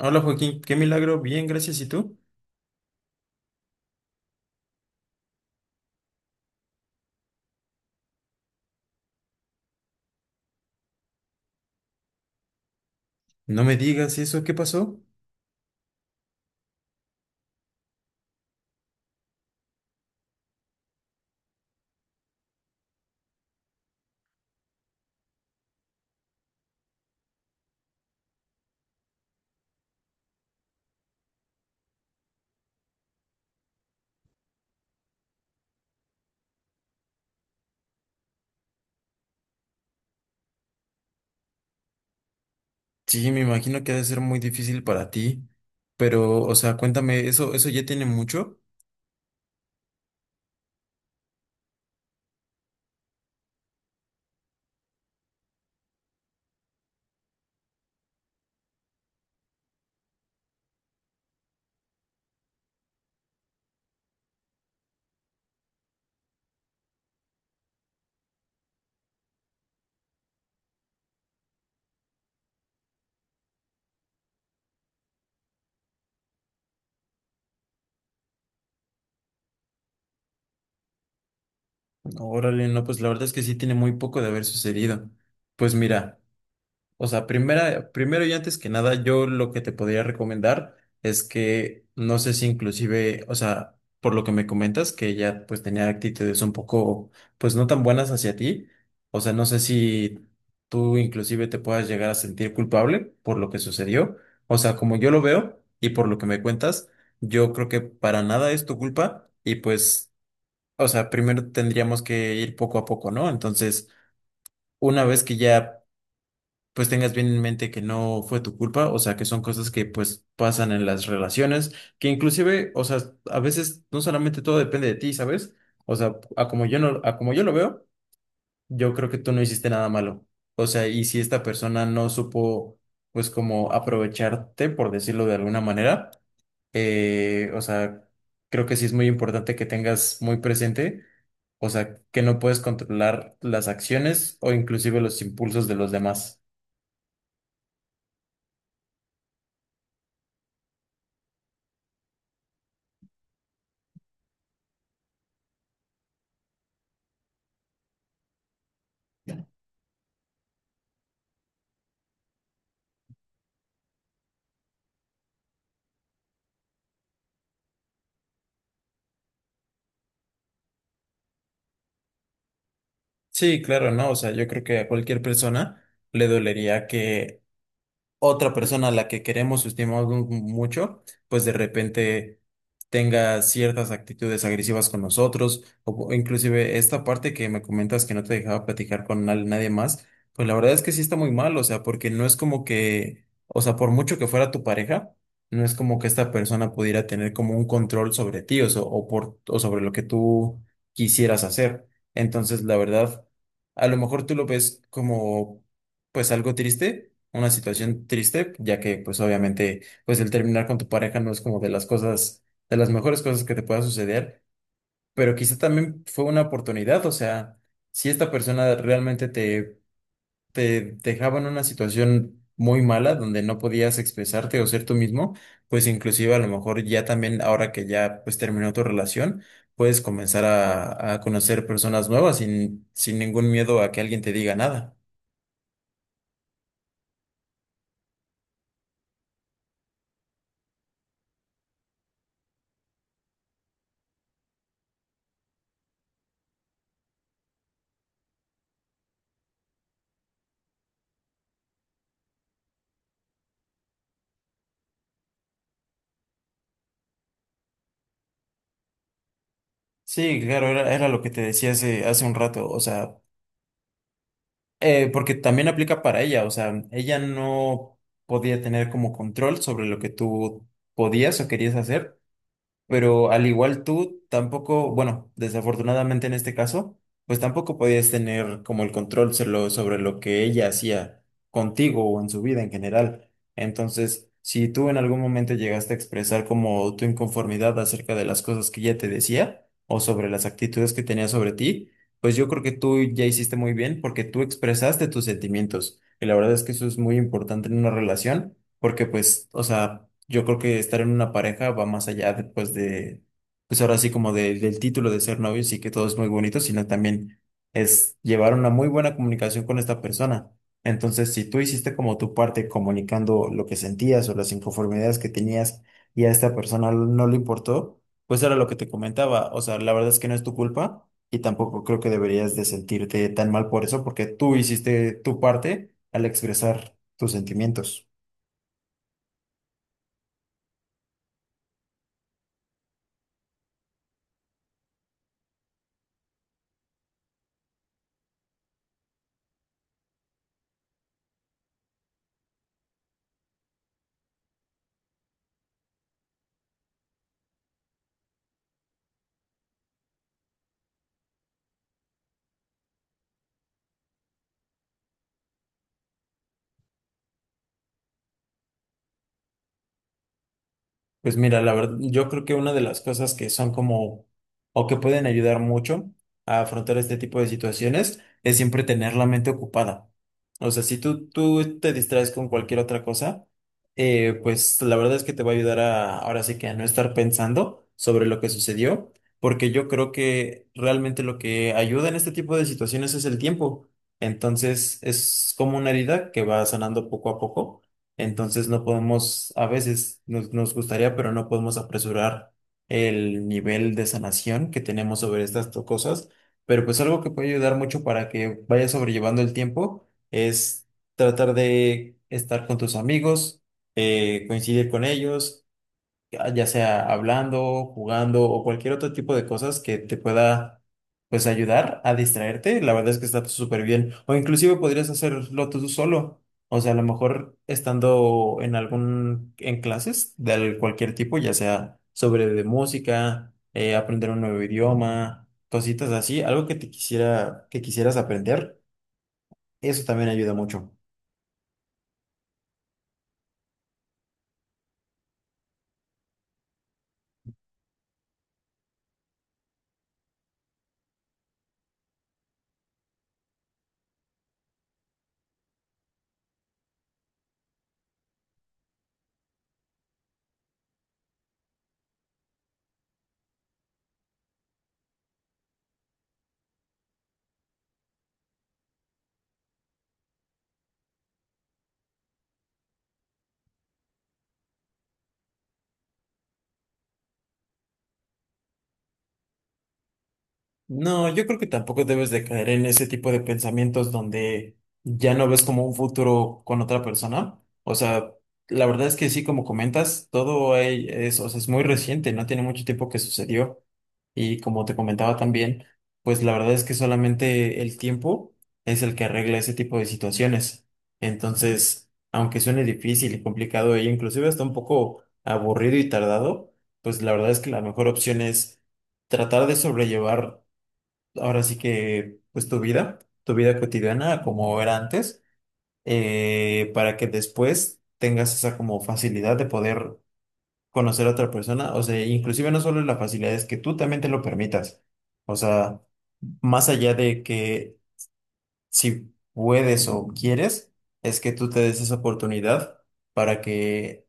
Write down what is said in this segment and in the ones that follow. Hola Joaquín, qué milagro, bien, gracias. ¿Y tú? No me digas eso, ¿qué pasó? Sí, me imagino que ha de ser muy difícil para ti, pero, o sea, cuéntame, ¿eso ya tiene mucho? Órale, no, pues la verdad es que sí tiene muy poco de haber sucedido. Pues mira. O sea, primero y antes que nada, yo lo que te podría recomendar es que no sé si inclusive, o sea, por lo que me comentas, que ella pues tenía actitudes un poco, pues no tan buenas hacia ti, o sea, no sé si tú inclusive te puedas llegar a sentir culpable por lo que sucedió, o sea, como yo lo veo y por lo que me cuentas, yo creo que para nada es tu culpa y pues, o sea, primero tendríamos que ir poco a poco, ¿no? Entonces, una vez que ya pues tengas bien en mente que no fue tu culpa, o sea, que son cosas que pues pasan en las relaciones, que inclusive, o sea, a veces no solamente todo depende de ti, ¿sabes? O sea, a como yo no, a como yo lo veo, yo creo que tú no hiciste nada malo. O sea, y si esta persona no supo, pues como aprovecharte, por decirlo de alguna manera, o sea, creo que sí es muy importante que tengas muy presente. O sea, que no puedes controlar las acciones o inclusive los impulsos de los demás. Sí, claro, no, o sea, yo creo que a cualquier persona le dolería que otra persona a la que queremos, o estimamos mucho, pues de repente tenga ciertas actitudes agresivas con nosotros, o inclusive esta parte que me comentas que no te dejaba platicar con nadie más, pues la verdad es que sí está muy mal, o sea, porque no es como que, o sea, por mucho que fuera tu pareja, no es como que esta persona pudiera tener como un control sobre ti, o, so- o por, o sobre lo que tú quisieras hacer. Entonces, la verdad, a lo mejor tú lo ves como pues algo triste, una situación triste, ya que pues obviamente pues el terminar con tu pareja no es como de las cosas, de las mejores cosas que te pueda suceder, pero quizá también fue una oportunidad, o sea, si esta persona realmente te dejaba en una situación muy mala donde no podías expresarte o ser tú mismo, pues inclusive a lo mejor ya también ahora que ya pues terminó tu relación, puedes comenzar a conocer personas nuevas sin ningún miedo a que alguien te diga nada. Sí, claro, era lo que te decía hace un rato, o sea, porque también aplica para ella, o sea, ella no podía tener como control sobre lo que tú podías o querías hacer, pero al igual tú, tampoco, bueno, desafortunadamente en este caso, pues tampoco podías tener como el control solo sobre lo que ella hacía contigo o en su vida en general. Entonces, si tú en algún momento llegaste a expresar como tu inconformidad acerca de las cosas que ella te decía o sobre las actitudes que tenía sobre ti, pues yo creo que tú ya hiciste muy bien porque tú expresaste tus sentimientos. Y la verdad es que eso es muy importante en una relación porque pues, o sea, yo creo que estar en una pareja va más allá después de, pues ahora sí como del título de ser novios y que todo es muy bonito, sino también es llevar una muy buena comunicación con esta persona. Entonces, si tú hiciste como tu parte comunicando lo que sentías o las inconformidades que tenías y a esta persona no le importó, pues era lo que te comentaba. O sea, la verdad es que no es tu culpa y tampoco creo que deberías de sentirte tan mal por eso porque tú hiciste tu parte al expresar tus sentimientos. Pues mira, la verdad, yo creo que una de las cosas que son como, o que pueden ayudar mucho a afrontar este tipo de situaciones, es siempre tener la mente ocupada. O sea, si tú te distraes con cualquier otra cosa, pues la verdad es que te va a ayudar a, ahora sí que a no estar pensando sobre lo que sucedió, porque yo creo que realmente lo que ayuda en este tipo de situaciones es el tiempo. Entonces, es como una herida que va sanando poco a poco, entonces no podemos, a veces nos gustaría, pero no podemos apresurar el nivel de sanación que tenemos sobre estas cosas. Pero pues algo que puede ayudar mucho para que vayas sobrellevando el tiempo es tratar de estar con tus amigos, coincidir con ellos ya sea hablando, jugando o cualquier otro tipo de cosas que te pueda pues ayudar a distraerte, la verdad es que está súper bien. O inclusive podrías hacerlo tú solo. O sea, a lo mejor estando en en clases de cualquier tipo, ya sea sobre de música, aprender un nuevo idioma, cositas así, algo que que quisieras aprender, eso también ayuda mucho. No, yo creo que tampoco debes de caer en ese tipo de pensamientos donde ya no ves como un futuro con otra persona. O sea, la verdad es que sí, como comentas, todo ahí es, o sea, es muy reciente, no tiene mucho tiempo que sucedió. Y como te comentaba también, pues la verdad es que solamente el tiempo es el que arregla ese tipo de situaciones. Entonces, aunque suene difícil y complicado e inclusive hasta un poco aburrido y tardado, pues la verdad es que la mejor opción es tratar de sobrellevar ahora sí que, pues tu vida cotidiana como era antes, para que después tengas esa como facilidad de poder conocer a otra persona, o sea, inclusive no solo la facilidad, es que tú también te lo permitas, o sea, más allá de que si puedes o quieres, es que tú te des esa oportunidad para que,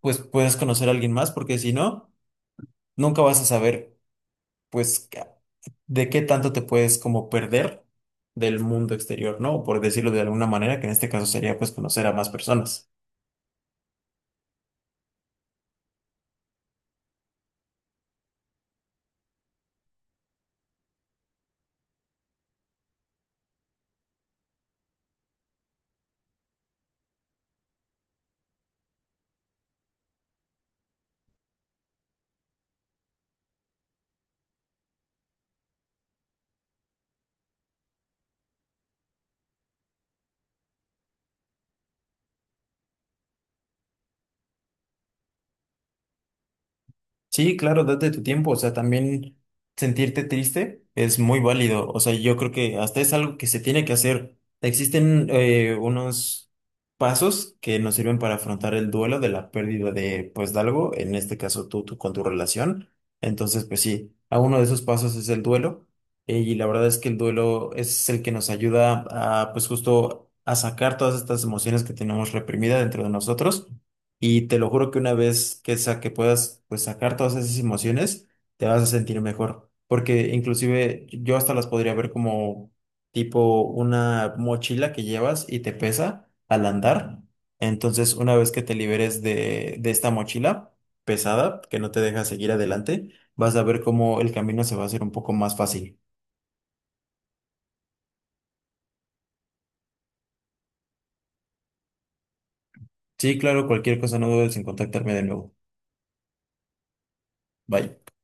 pues, puedas conocer a alguien más, porque si no, nunca vas a saber, pues, de qué tanto te puedes como perder del mundo exterior, ¿no? Por decirlo de alguna manera, que en este caso sería pues conocer a más personas. Sí, claro, date tu tiempo, o sea, también sentirte triste es muy válido, o sea, yo creo que hasta es algo que se tiene que hacer. Existen unos pasos que nos sirven para afrontar el duelo de la pérdida de, pues, de algo, en este caso tú con tu relación. Entonces, pues sí, a uno de esos pasos es el duelo, y la verdad es que el duelo es el que nos ayuda a, pues, justo a sacar todas estas emociones que tenemos reprimidas dentro de nosotros y te lo juro que una vez que, que puedas pues, sacar todas esas emociones, te vas a sentir mejor. Porque inclusive yo hasta las podría ver como tipo una mochila que llevas y te pesa al andar. Entonces, una vez que te liberes de esta mochila pesada, que no te deja seguir adelante, vas a ver cómo el camino se va a hacer un poco más fácil. Sí, claro, cualquier cosa no dudes en contactarme de nuevo. Bye.